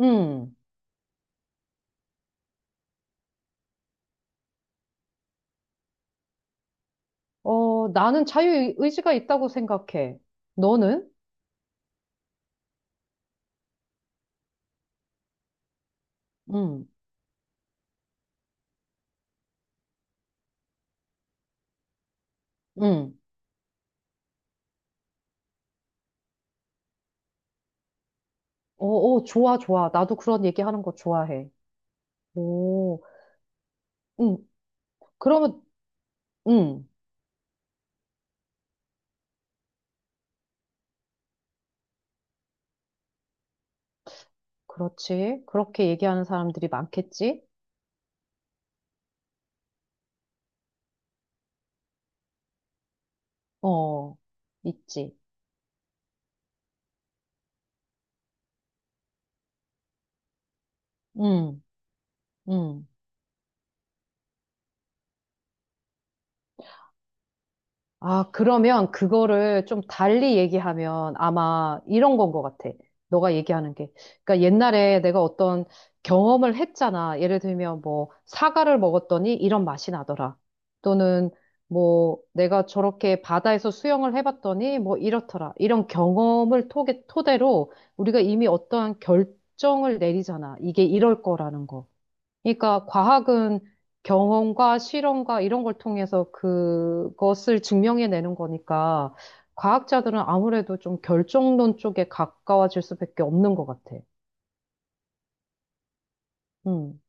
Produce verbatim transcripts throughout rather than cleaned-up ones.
음. 어, 나는 자유의지가 있다고 생각해. 너는? 음. 음. 어, 어, 좋아, 좋아. 나도 그런 얘기하는 거 좋아해. 오. 음. 그러면 음. 그렇지. 그렇게 얘기하는 사람들이 많겠지? 어. 있지. 음. 음. 아, 그러면 그거를 좀 달리 얘기하면 아마 이런 건 것 같아. 너가 얘기하는 게. 그러니까 옛날에 내가 어떤 경험을 했잖아. 예를 들면 뭐 사과를 먹었더니 이런 맛이 나더라. 또는 뭐 내가 저렇게 바다에서 수영을 해봤더니 뭐 이렇더라. 이런 경험을 토 토대로 우리가 이미 어떠한 결정을 내리잖아. 이게 이럴 거라는 거. 그러니까 과학은 경험과 실험과 이런 걸 통해서 그것을 증명해내는 거니까 과학자들은 아무래도 좀 결정론 쪽에 가까워질 수밖에 없는 것 같아. 음.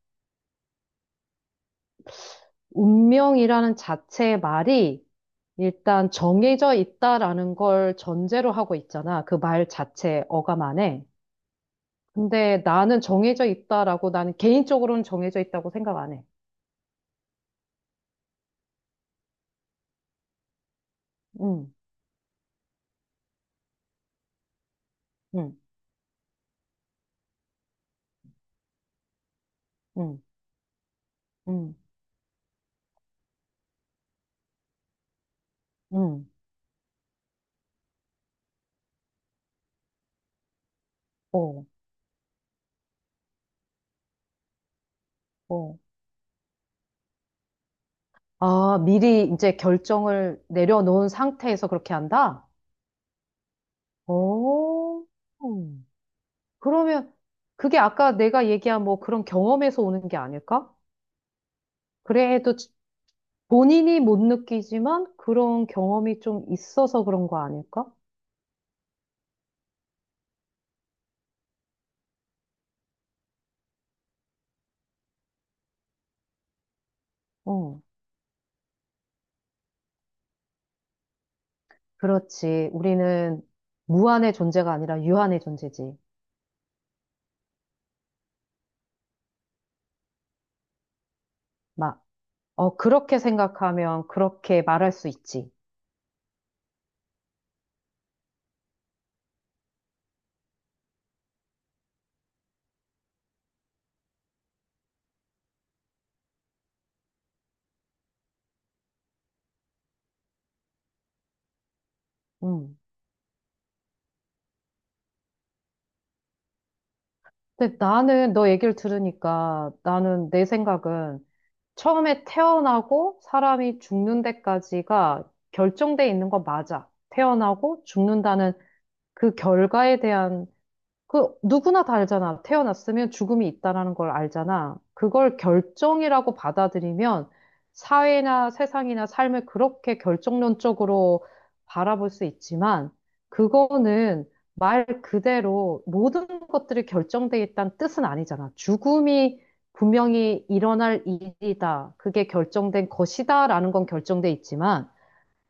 운명이라는 자체의 말이 일단 정해져 있다라는 걸 전제로 하고 있잖아. 그 말 자체 어감 안에. 근데 나는 정해져 있다라고 나는 개인적으로는 정해져 있다고 생각 안 해. 응, 응, 응, 응, 음. 어, 어. 아, 미리 이제 결정을 내려놓은 상태에서 그렇게 한다? 오, 그러면 그게 아까 내가 얘기한 뭐 그런 경험에서 오는 게 아닐까? 그래도 지- 본인이 못 느끼지만 그런 경험이 좀 있어서 그런 거 아닐까? 어, 그렇지. 우리는 무한의 존재가 아니라 유한의 존재지. 막, 어, 그렇게 생각하면 그렇게 말할 수 있지. 음. 근데 나는 너 얘기를 들으니까 나는 내 생각은 처음에 태어나고 사람이 죽는 데까지가 결정돼 있는 건 맞아. 태어나고 죽는다는 그 결과에 대한 그 누구나 다 알잖아. 태어났으면 죽음이 있다라는 걸 알잖아. 그걸 결정이라고 받아들이면 사회나 세상이나 삶을 그렇게 결정론적으로 바라볼 수 있지만 그거는 말 그대로 모든 것들이 결정돼 있다는 뜻은 아니잖아. 죽음이 분명히 일어날 일이다. 그게 결정된 것이다라는 건 결정돼 있지만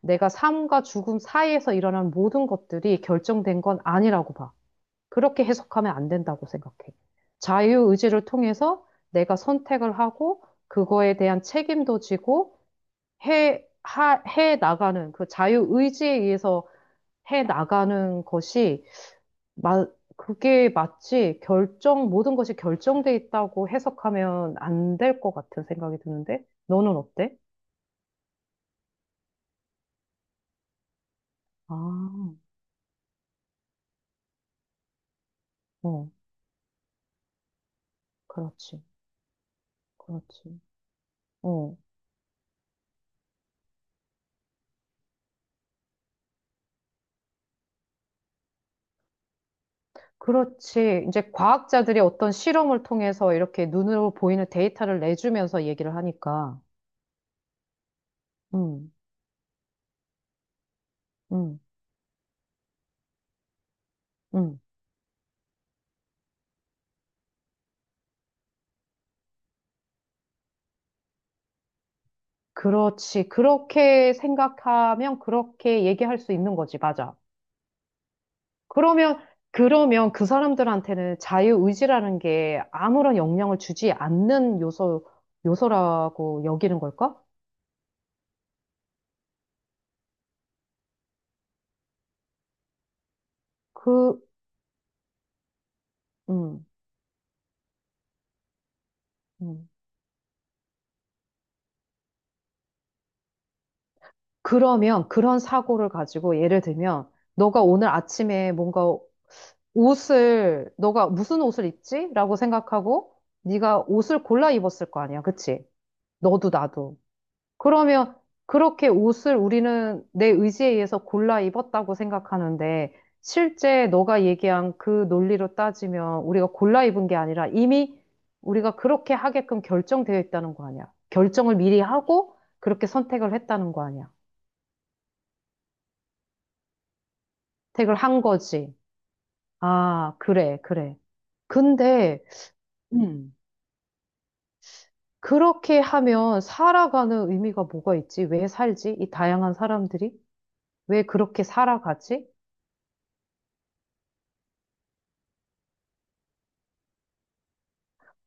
내가 삶과 죽음 사이에서 일어난 모든 것들이 결정된 건 아니라고 봐. 그렇게 해석하면 안 된다고 생각해. 자유의지를 통해서 내가 선택을 하고 그거에 대한 책임도 지고 해, 하, 해 나가는 그 자유의지에 의해서 해 나가는 것이 마, 그게 마치 결정, 모든 것이 결정돼 있다고 해석하면 안 될 것 같은 생각이 드는데 너는 어때? 아, 어, 그렇지, 그렇지. 어. 그렇지. 이제 과학자들이 어떤 실험을 통해서 이렇게 눈으로 보이는 데이터를 내주면서 얘기를 하니까. 음, 음, 음. 그렇지. 그렇게 생각하면 그렇게 얘기할 수 있는 거지. 맞아. 그러면, 그러면 그 사람들한테는 자유의지라는 게 아무런 영향을 주지 않는 요소, 요소라고 여기는 걸까? 그, 음, 음. 그러면 그런 사고를 가지고 예를 들면 너가 오늘 아침에 뭔가 옷을 너가 무슨 옷을 입지? 라고 생각하고 네가 옷을 골라 입었을 거 아니야. 그치? 너도 나도. 그러면 그렇게 옷을 우리는 내 의지에 의해서 골라 입었다고 생각하는데 실제 너가 얘기한 그 논리로 따지면 우리가 골라 입은 게 아니라 이미 우리가 그렇게 하게끔 결정되어 있다는 거 아니야. 결정을 미리 하고 그렇게 선택을 했다는 거 아니야. 선택을 한 거지. 아, 그래, 그래. 근데 음. 그렇게 하면 살아가는 의미가 뭐가 있지? 왜 살지? 이 다양한 사람들이 왜 그렇게 살아가지?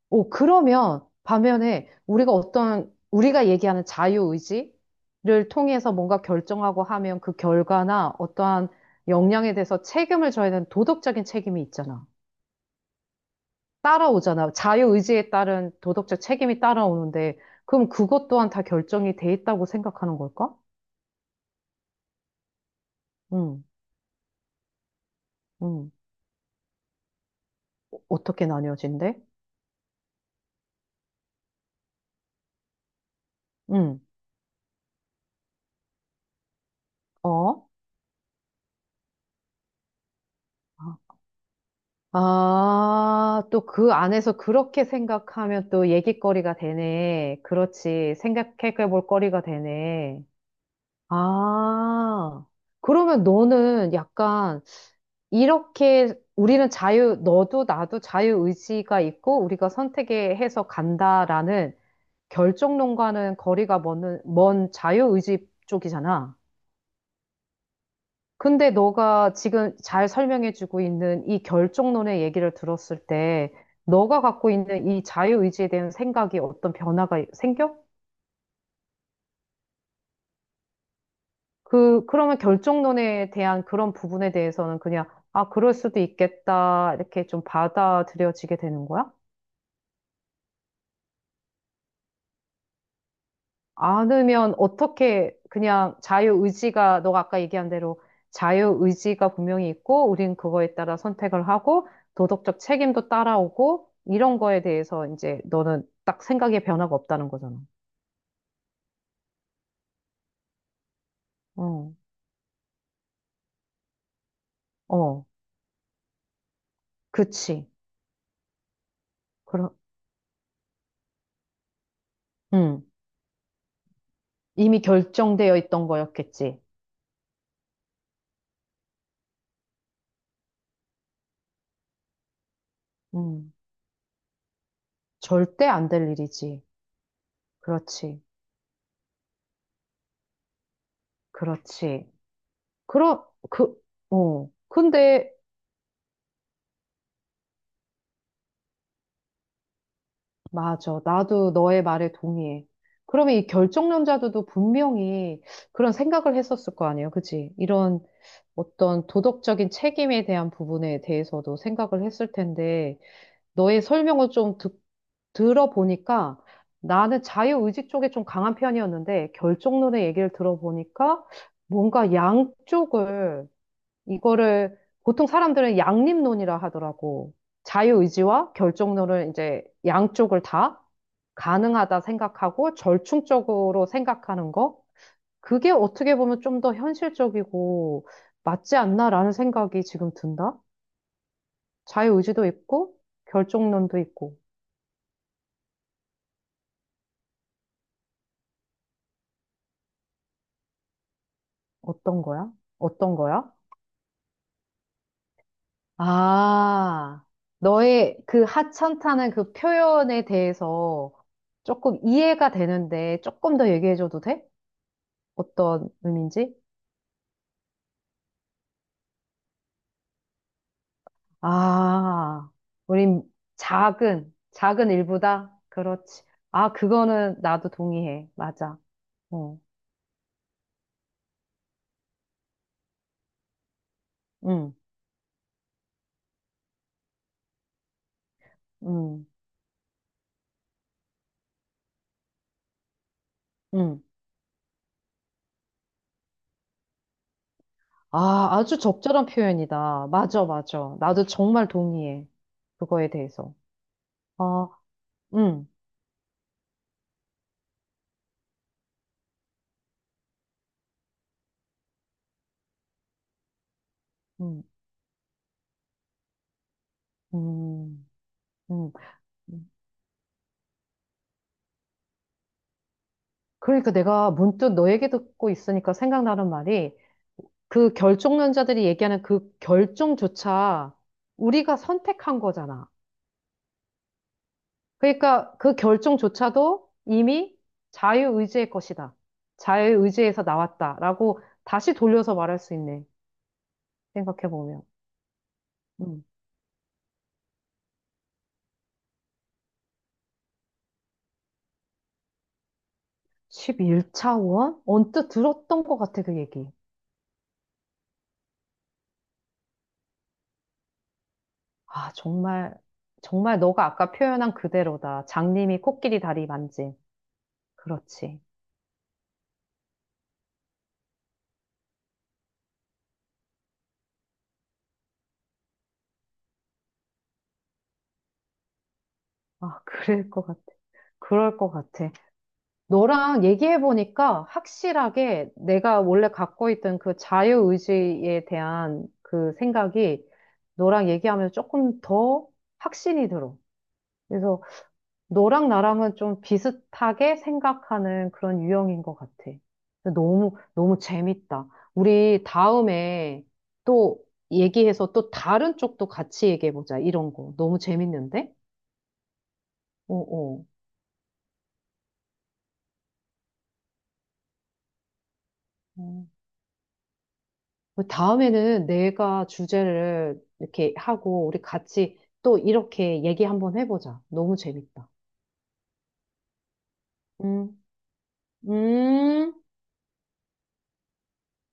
오, 그러면 반면에 우리가 어떤, 우리가 얘기하는 자유의지를 통해서 뭔가 결정하고 하면 그 결과나 어떠한 역량에 대해서 책임을 져야 되는 도덕적인 책임이 있잖아. 따라오잖아. 자유의지에 따른 도덕적 책임이 따라오는데, 그럼 그것 또한 다 결정이 돼 있다고 생각하는 걸까? 응, 응. 어, 어떻게 나뉘어진대? 응, 어? 아, 또 그 안에서 그렇게 생각하면 또 얘기거리가 되네. 그렇지. 생각해 볼 거리가 되네. 아, 그러면 너는 약간 이렇게 우리는 자유, 너도 나도 자유의지가 있고 우리가 선택에 해서 간다라는 결정론과는 거리가 먼, 먼 자유의지 쪽이잖아. 근데 너가 지금 잘 설명해주고 있는 이 결정론의 얘기를 들었을 때, 너가 갖고 있는 이 자유의지에 대한 생각이 어떤 변화가 생겨? 그, 그러면 결정론에 대한 그런 부분에 대해서는 그냥, 아, 그럴 수도 있겠다, 이렇게 좀 받아들여지게 되는 거야? 않으면 어떻게 그냥 자유의지가 너가 아까 얘기한 대로 자유의지가 분명히 있고 우린 그거에 따라 선택을 하고 도덕적 책임도 따라오고 이런 거에 대해서 이제 너는 딱 생각의 변화가 없다는 거잖아. 어, 어, 그치. 그럼, 음, 이미 결정되어 있던 거였겠지. 음, 절대 안 될 일이지. 그렇지, 그렇지. 그러, 그, 어, 근데 맞아. 나도 너의 말에 동의해. 그러면 이 결정론자들도 분명히 그런 생각을 했었을 거 아니에요. 그치? 이런 어떤 도덕적인 책임에 대한 부분에 대해서도 생각을 했을 텐데, 너의 설명을 좀 듣, 들어보니까 나는 자유의지 쪽에 좀 강한 편이었는데, 결정론의 얘기를 들어보니까 뭔가 양쪽을, 이거를 보통 사람들은 양립론이라 하더라고. 자유의지와 결정론을 이제 양쪽을 다 가능하다 생각하고 절충적으로 생각하는 거? 그게 어떻게 보면 좀 더 현실적이고 맞지 않나라는 생각이 지금 든다? 자유의지도 있고 결정론도 있고 어떤 거야? 어떤 거야? 아, 너의 그 하찮다는 그 표현에 대해서 조금 이해가 되는데 조금 더 얘기해줘도 돼? 어떤 의미인지? 아, 우린 작은, 작은 일부다? 그렇지. 아, 그거는 나도 동의해. 맞아. 어, 응, 응, 응. 아, 아주 적절한 표현이다. 맞아, 맞아. 나도 정말 동의해. 그거에 대해서. 아, 응, 응, 응, 응. 그러니까 내가 문득 너 얘기 듣고 있으니까 생각나는 말이 그 결정론자들이 얘기하는 그 결정조차 우리가 선택한 거잖아. 그러니까 그 결정조차도 이미 자유의지의 것이다. 자유의지에서 나왔다라고 다시 돌려서 말할 수 있네. 생각해보면. 음. 십일 차원? 언뜻 들었던 것 같아, 그 얘기. 아, 정말, 정말 너가 아까 표현한 그대로다. 장님이 코끼리 다리 만짐. 그렇지. 아, 그럴 것 같아. 그럴 것 같아. 너랑 얘기해보니까 확실하게 내가 원래 갖고 있던 그 자유의지에 대한 그 생각이 너랑 얘기하면 조금 더 확신이 들어. 그래서 너랑 나랑은 좀 비슷하게 생각하는 그런 유형인 것 같아. 너무, 너무 재밌다. 우리 다음에 또 얘기해서 또 다른 쪽도 같이 얘기해보자. 이런 거. 너무 재밌는데? 어, 어. 어. 다음에는 내가 주제를 이렇게 하고 우리 같이 또 이렇게 얘기 한번 해보자. 너무 재밌다. 음, 음.